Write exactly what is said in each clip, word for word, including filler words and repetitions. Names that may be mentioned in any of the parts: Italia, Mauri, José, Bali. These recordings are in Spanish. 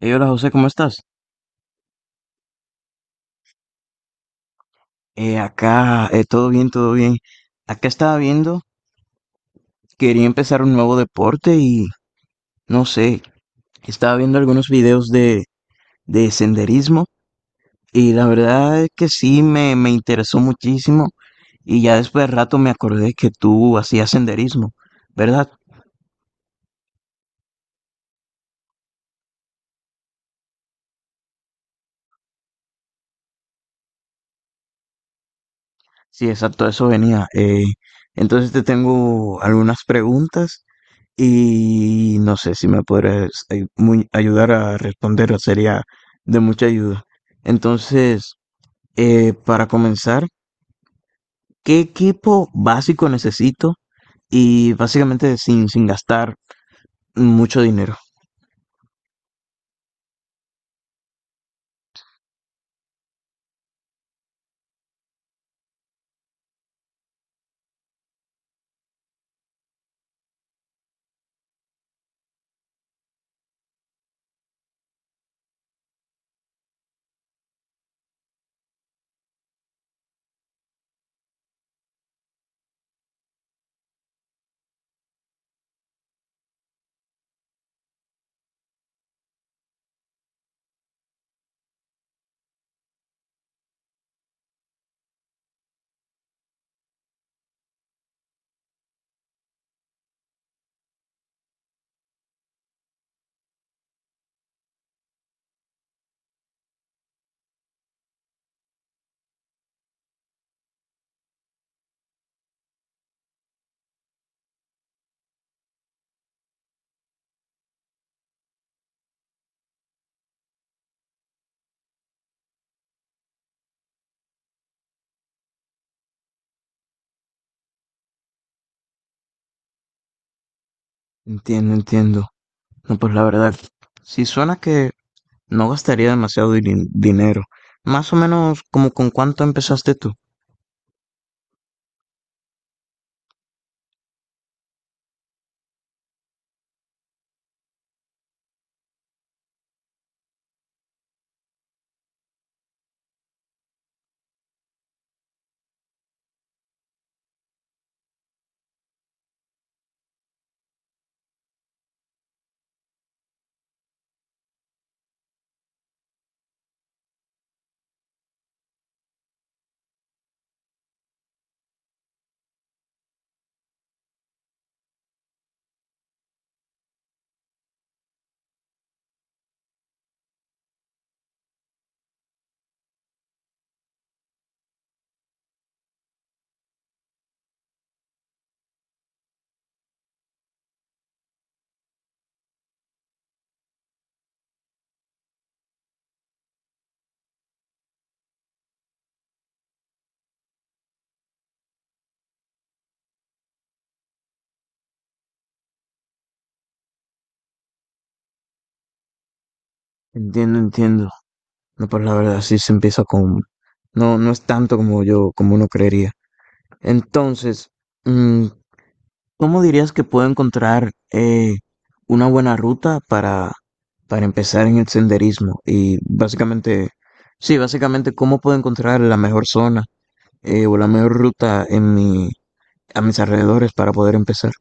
Hey, hola José, ¿cómo estás? Eh, acá, eh, todo bien, todo bien. Acá estaba viendo, quería empezar un nuevo deporte y no sé, estaba viendo algunos videos de, de senderismo y la verdad es que sí me, me interesó muchísimo y ya después de rato me acordé que tú hacías senderismo, ¿verdad? Sí, exacto, eso venía. Eh, entonces te tengo algunas preguntas. Y no sé si me podrías ay- muy- ayudar a responder, sería de mucha ayuda. Entonces, eh, para comenzar, ¿qué equipo básico necesito? Y básicamente sin, sin gastar mucho dinero. Entiendo, entiendo. No, pues la verdad, si suena que no gastaría demasiado din- dinero. Más o menos como con cuánto empezaste tú. Entiendo, entiendo. No, pues la verdad sí se empieza con... No, no es tanto como yo, como uno creería. Entonces, mm, ¿cómo dirías que puedo encontrar eh, una buena ruta para, para empezar en el senderismo? Y básicamente, sí, básicamente, ¿cómo puedo encontrar la mejor zona eh, o la mejor ruta en mi, a mis alrededores para poder empezar?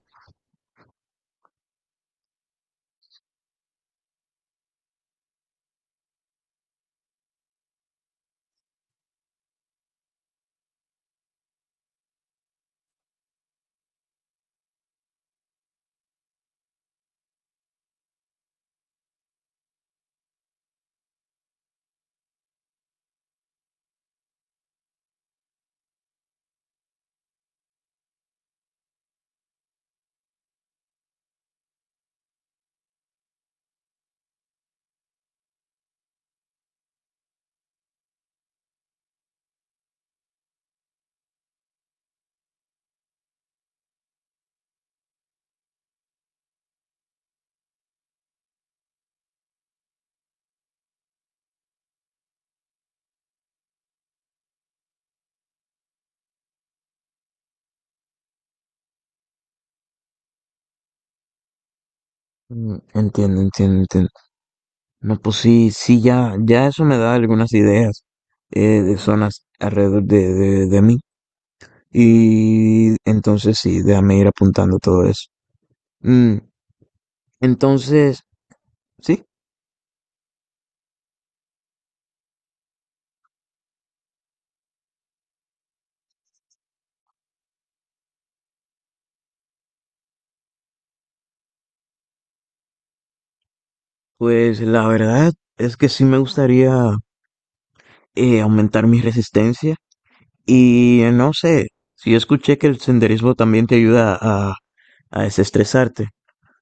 Mm, entiendo, entiendo, entiendo. No, pues sí, sí, ya, ya eso me da algunas ideas eh, de zonas alrededor de, de, de mí. Y entonces sí, déjame ir apuntando todo eso. Mm, entonces, sí, pues la verdad es que sí me gustaría eh, aumentar mi resistencia y eh, no sé, sí escuché que el senderismo también te ayuda a, a desestresarte.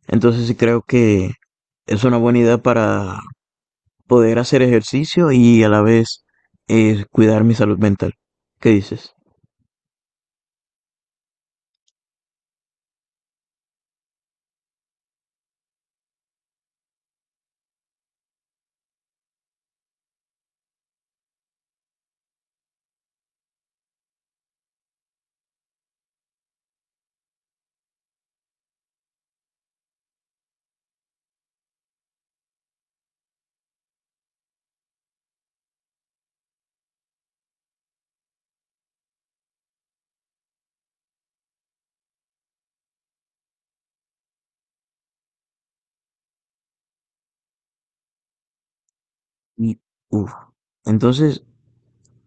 Entonces sí creo que es una buena idea para poder hacer ejercicio y a la vez, eh, cuidar mi salud mental. ¿Qué dices? Y, uf. Entonces,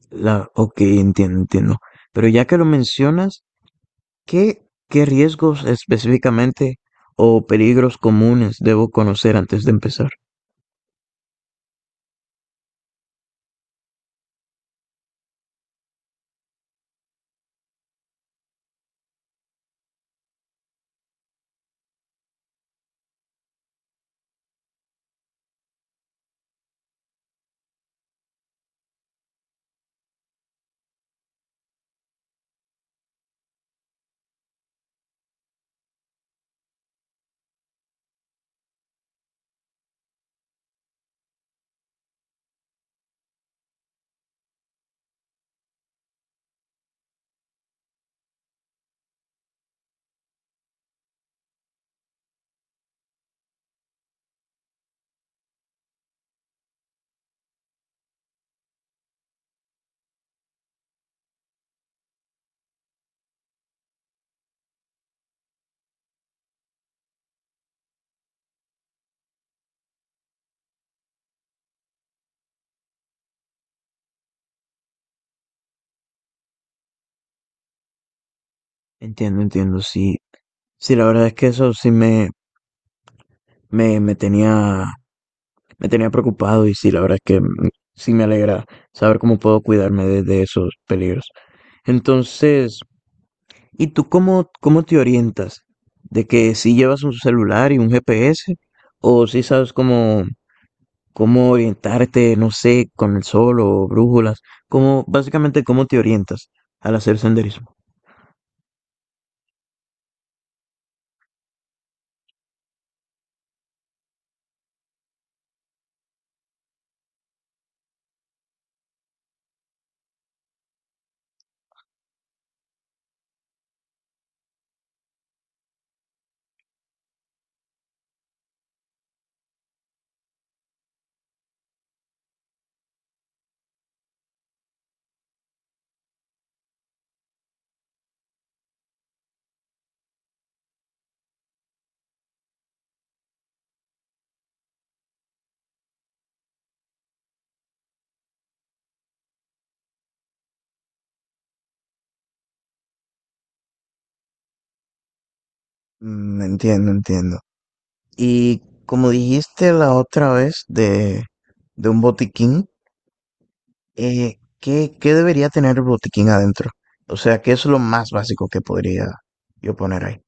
La, ok, entiendo, entiendo. Pero ya que lo mencionas, ¿qué, ¿qué riesgos específicamente o peligros comunes debo conocer antes de empezar? Entiendo, entiendo, sí. Sí, la verdad es que eso sí me, me, me tenía, me tenía preocupado y sí, la verdad es que mm, sí me alegra saber cómo puedo cuidarme de, de esos peligros. Entonces, ¿y tú cómo, cómo te orientas? ¿De que si llevas un celular y un G P S o si sabes cómo cómo orientarte, no sé, con el sol o brújulas, cómo, básicamente cómo te orientas al hacer senderismo. Mm, entiendo, entiendo. Y como dijiste la otra vez de, de un botiquín, eh, ¿qué, qué debería tener el botiquín adentro? O sea, ¿qué es lo más básico que podría yo poner ahí?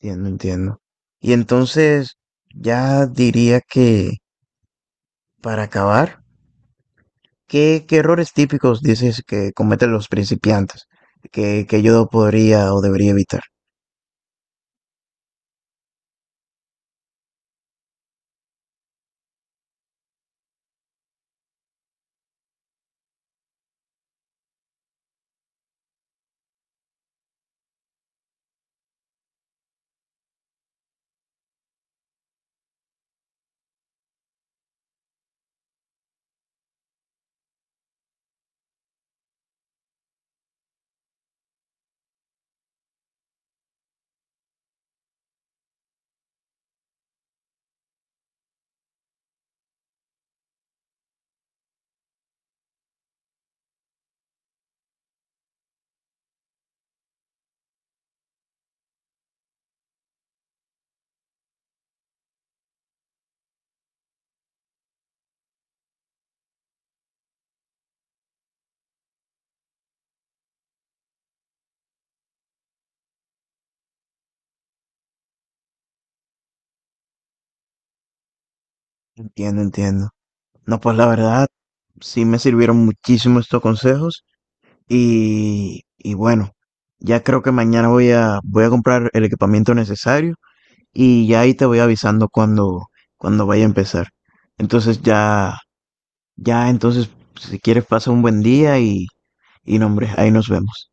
Entiendo, entiendo. Y entonces, ya diría que para acabar, ¿qué, qué errores típicos dices que cometen los principiantes que, que yo podría o debería evitar? Entiendo, entiendo. No, pues la verdad, sí me sirvieron muchísimo estos consejos y, y bueno, ya creo que mañana voy a, voy a comprar el equipamiento necesario y ya ahí te voy avisando cuando, cuando vaya a empezar. Entonces ya, ya entonces, si quieres pasa un buen día y, y no, hombre, ahí nos vemos.